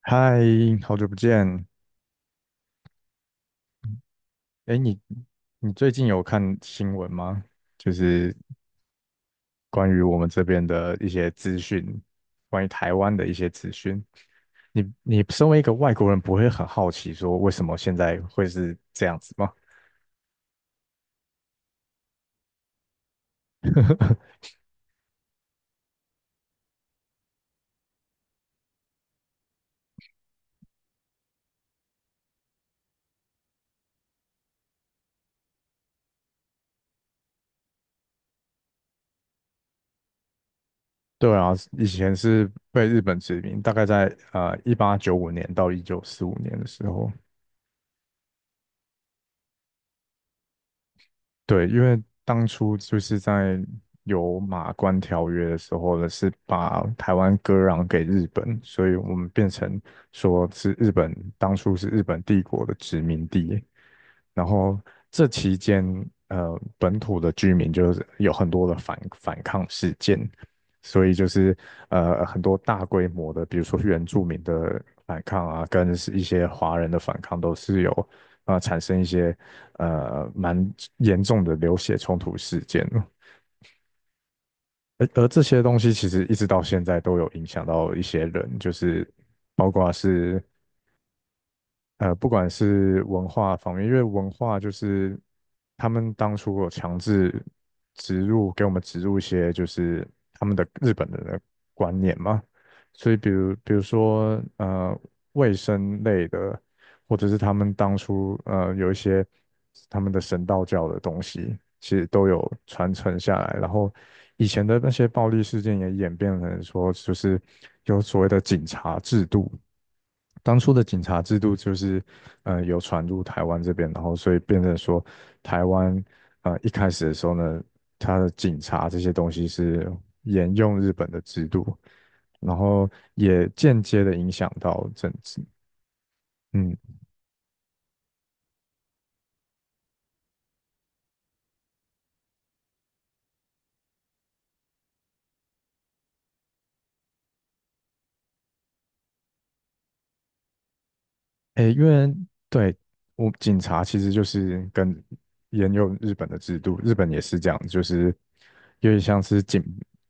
嗨，好久不见。哎，你最近有看新闻吗？就是关于我们这边的一些资讯，关于台湾的一些资讯。你身为一个外国人，不会很好奇说为什么现在会是这样子吗？对啊，以前是被日本殖民，大概在1895年到1945年的时候。对，因为当初就是在有马关条约的时候呢，是把台湾割让给日本，所以我们变成说是日本，当初是日本帝国的殖民地。然后这期间，本土的居民就是有很多的反抗事件，所以就是很多大规模的，比如说原住民的反抗啊，跟是一些华人的反抗，都是有啊产生一些蛮严重的流血冲突事件。而这些东西其实一直到现在都有影响到一些人，就是包括是不管是文化方面，因为文化就是他们当初有强制植入给我们植入一些就是他们的日本人的观念嘛，所以比如说卫生类的，或者是他们当初有一些他们的神道教的东西，其实都有传承下来。然后以前的那些暴力事件也演变成说，就是有所谓的警察制度。当初的警察制度就是，有传入台湾这边，然后所以变成说，台湾一开始的时候呢，他的警察这些东西是沿用日本的制度，然后也间接的影响到政治。嗯，诶，因为对我警察其实就是跟沿用日本的制度，日本也是这样，就是有点像是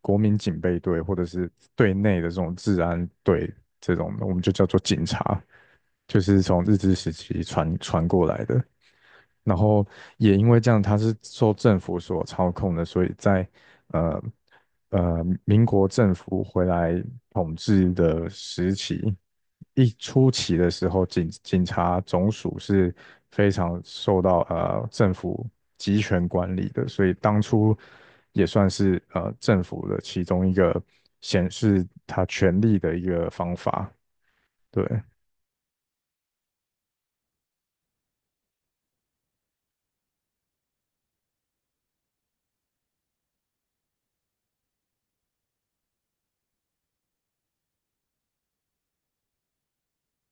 国民警备队或者是队内的这种治安队这种的，我们就叫做警察，就是从日治时期传过来的。然后也因为这样，它是受政府所操控的，所以在呃民国政府回来统治的时期，初期的时候，警察总署是非常受到政府集权管理的，所以当初也算是政府的其中一个显示他权力的一个方法，对。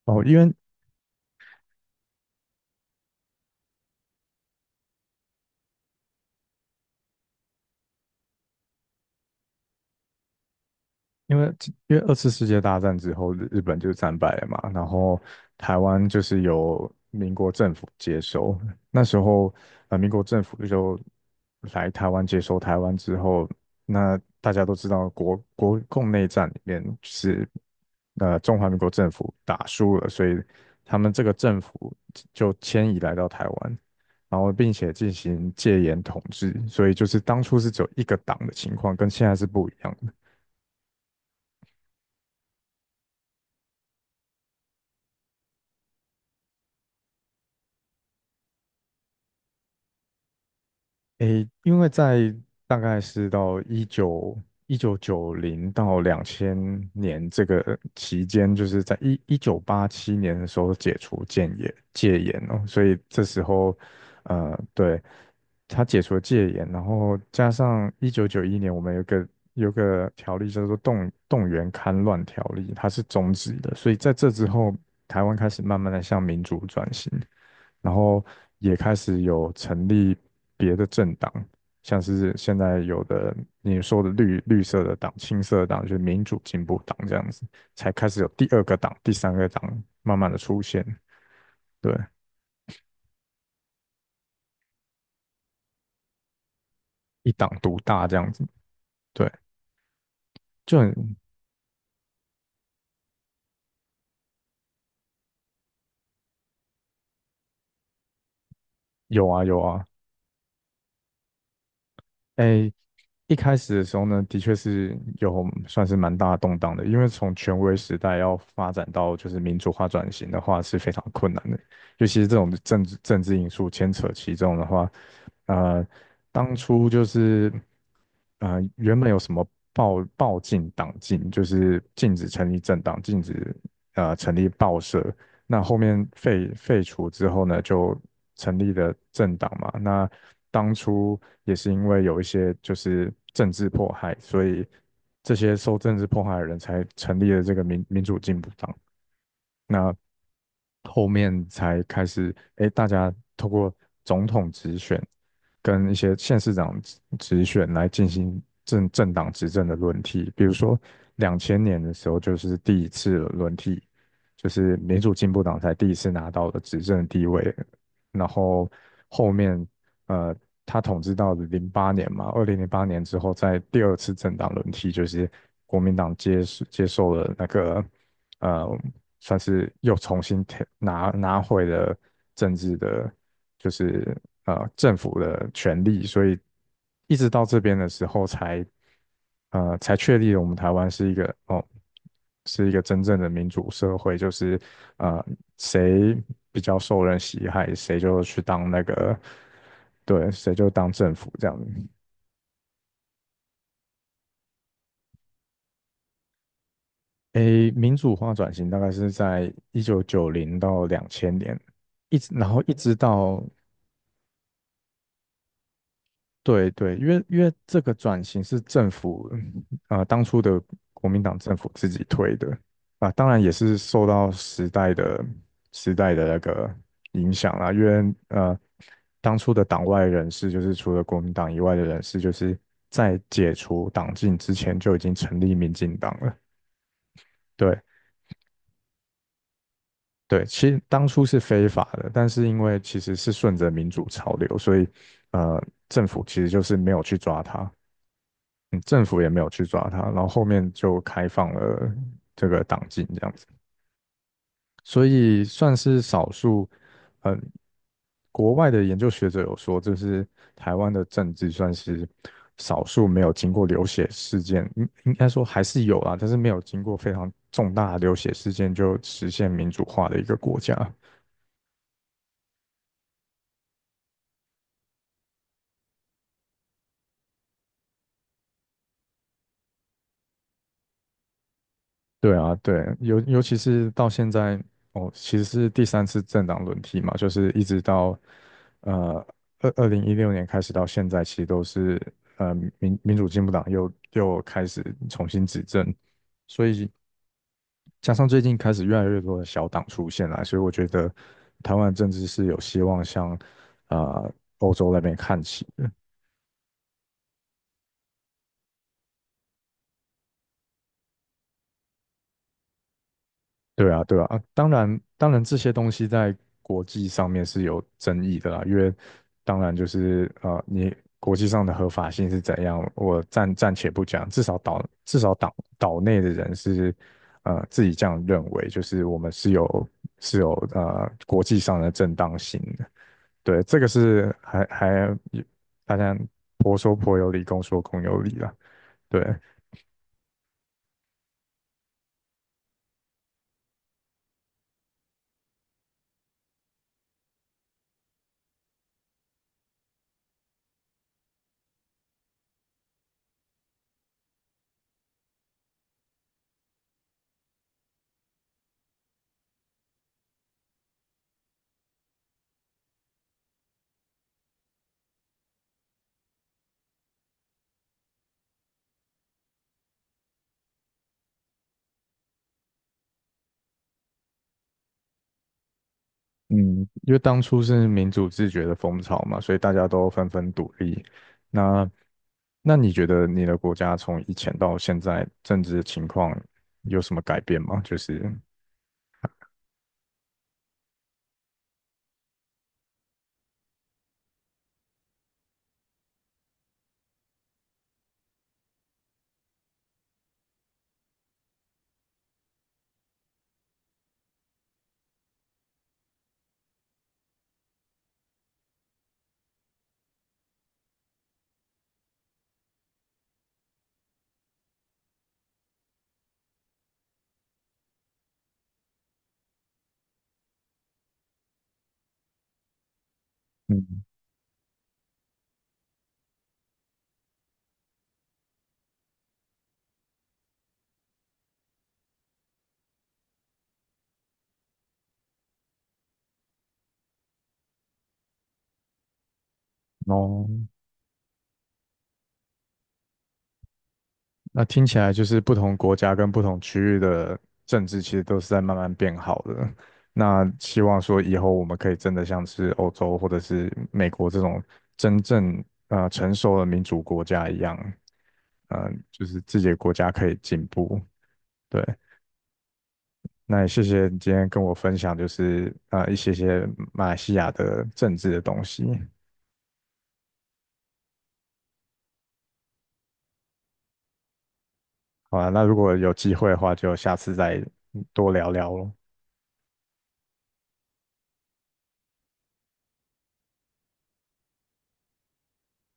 哦，因为因为二次世界大战之后，日本就战败了嘛，然后台湾就是由民国政府接收。那时候，民国政府就来台湾接收台湾之后，那大家都知道国共内战里面是中华民国政府打输了，所以他们这个政府就迁移来到台湾，然后并且进行戒严统治，所以就是当初是只有一个党的情况，跟现在是不一样的。诶，因为在大概是到一九九零到两千年这个期间，就是在1987年的时候解除戒严哦，所以这时候，对，他解除了戒严，然后加上1991年我们有个条例叫做动员戡乱条例，它是终止的，所以在这之后，台湾开始慢慢的向民主转型。然后也开始有成立别的政党，像是现在有的你说的绿色的党、青色的党，就是民主进步党这样子，才开始有第二个党、第三个党慢慢的出现，对，一党独大这样子，对，就很有啊有啊，诶，一开始的时候呢，的确是有算是蛮大的动荡的，因为从权威时代要发展到就是民主化转型的话是非常困难的，尤其是这种政治因素牵扯其中的话，呃，当初就是原本有什么报禁党禁，就是禁止成立政党，禁止成立报社，那后面废除之后呢，就成立了政党嘛。那当初也是因为有一些就是政治迫害，所以这些受政治迫害的人才成立了这个民主进步党。那后面才开始，哎，大家透过总统直选跟一些县市长直选来进行政党执政的轮替。比如说，两千年的时候就是第一次轮替，就是民主进步党才第一次拿到的执政地位，然后后面呃，他统治到零八年嘛，2008年之后，在第二次政党轮替，就是国民党接受了那个呃算是又重新填拿回了政治的，就是政府的权利，所以一直到这边的时候才确立了我们台湾是一个哦是一个真正的民主社会，就是呃谁比较受人喜爱，谁就去当那个对，谁就当政府这样子。诶，民主化转型大概是在一九九零到两千年，然后一直到对对，因为这个转型是政府，当初的国民党政府自己推的啊，当然也是受到时代的那个影响啦。因为当初的党外人士，就是除了国民党以外的人士，就是在解除党禁之前就已经成立民进党了。对对，其实当初是非法的，但是因为其实是顺着民主潮流，所以呃，政府其实就是没有去抓他。政府也没有去抓他，然后后面就开放了这个党禁这样子，所以算是少数，嗯、国外的研究学者有说，就是台湾的政治算是少数没有经过流血事件，应该说还是有啊，但是没有经过非常重大的流血事件就实现民主化的一个国家。对啊，对，尤其是到现在，哦，其实是第三次政党轮替嘛，就是一直到呃2016年开始到现在，其实都是呃民主进步党又开始重新执政，所以加上最近开始越来越多的小党出现了，所以我觉得台湾的政治是有希望向啊、呃欧洲那边看齐。对啊，对啊，当然，当然，这些东西在国际上面是有争议的啦，因为当然就是你国际上的合法性是怎样，我暂且不讲，至少岛至少岛岛内的人是自己这样认为，就是我们是有国际上的正当性的，对，这个是还大家婆说婆有理，公说公有理啦，对，嗯，因为当初是民主自觉的风潮嘛，所以大家都纷纷独立。那那你觉得你的国家从以前到现在政治情况有什么改变吗？就是嗯，哦。那听起来就是不同国家跟不同区域的政治其实都是在慢慢变好的。那希望说以后我们可以真的像是欧洲或者是美国这种真正成熟的民主国家一样，嗯，就是自己的国家可以进步。对，那也谢谢你今天跟我分享，就是一些马来西亚的政治的东西。好啊，那如果有机会的话，就下次再多聊聊咯。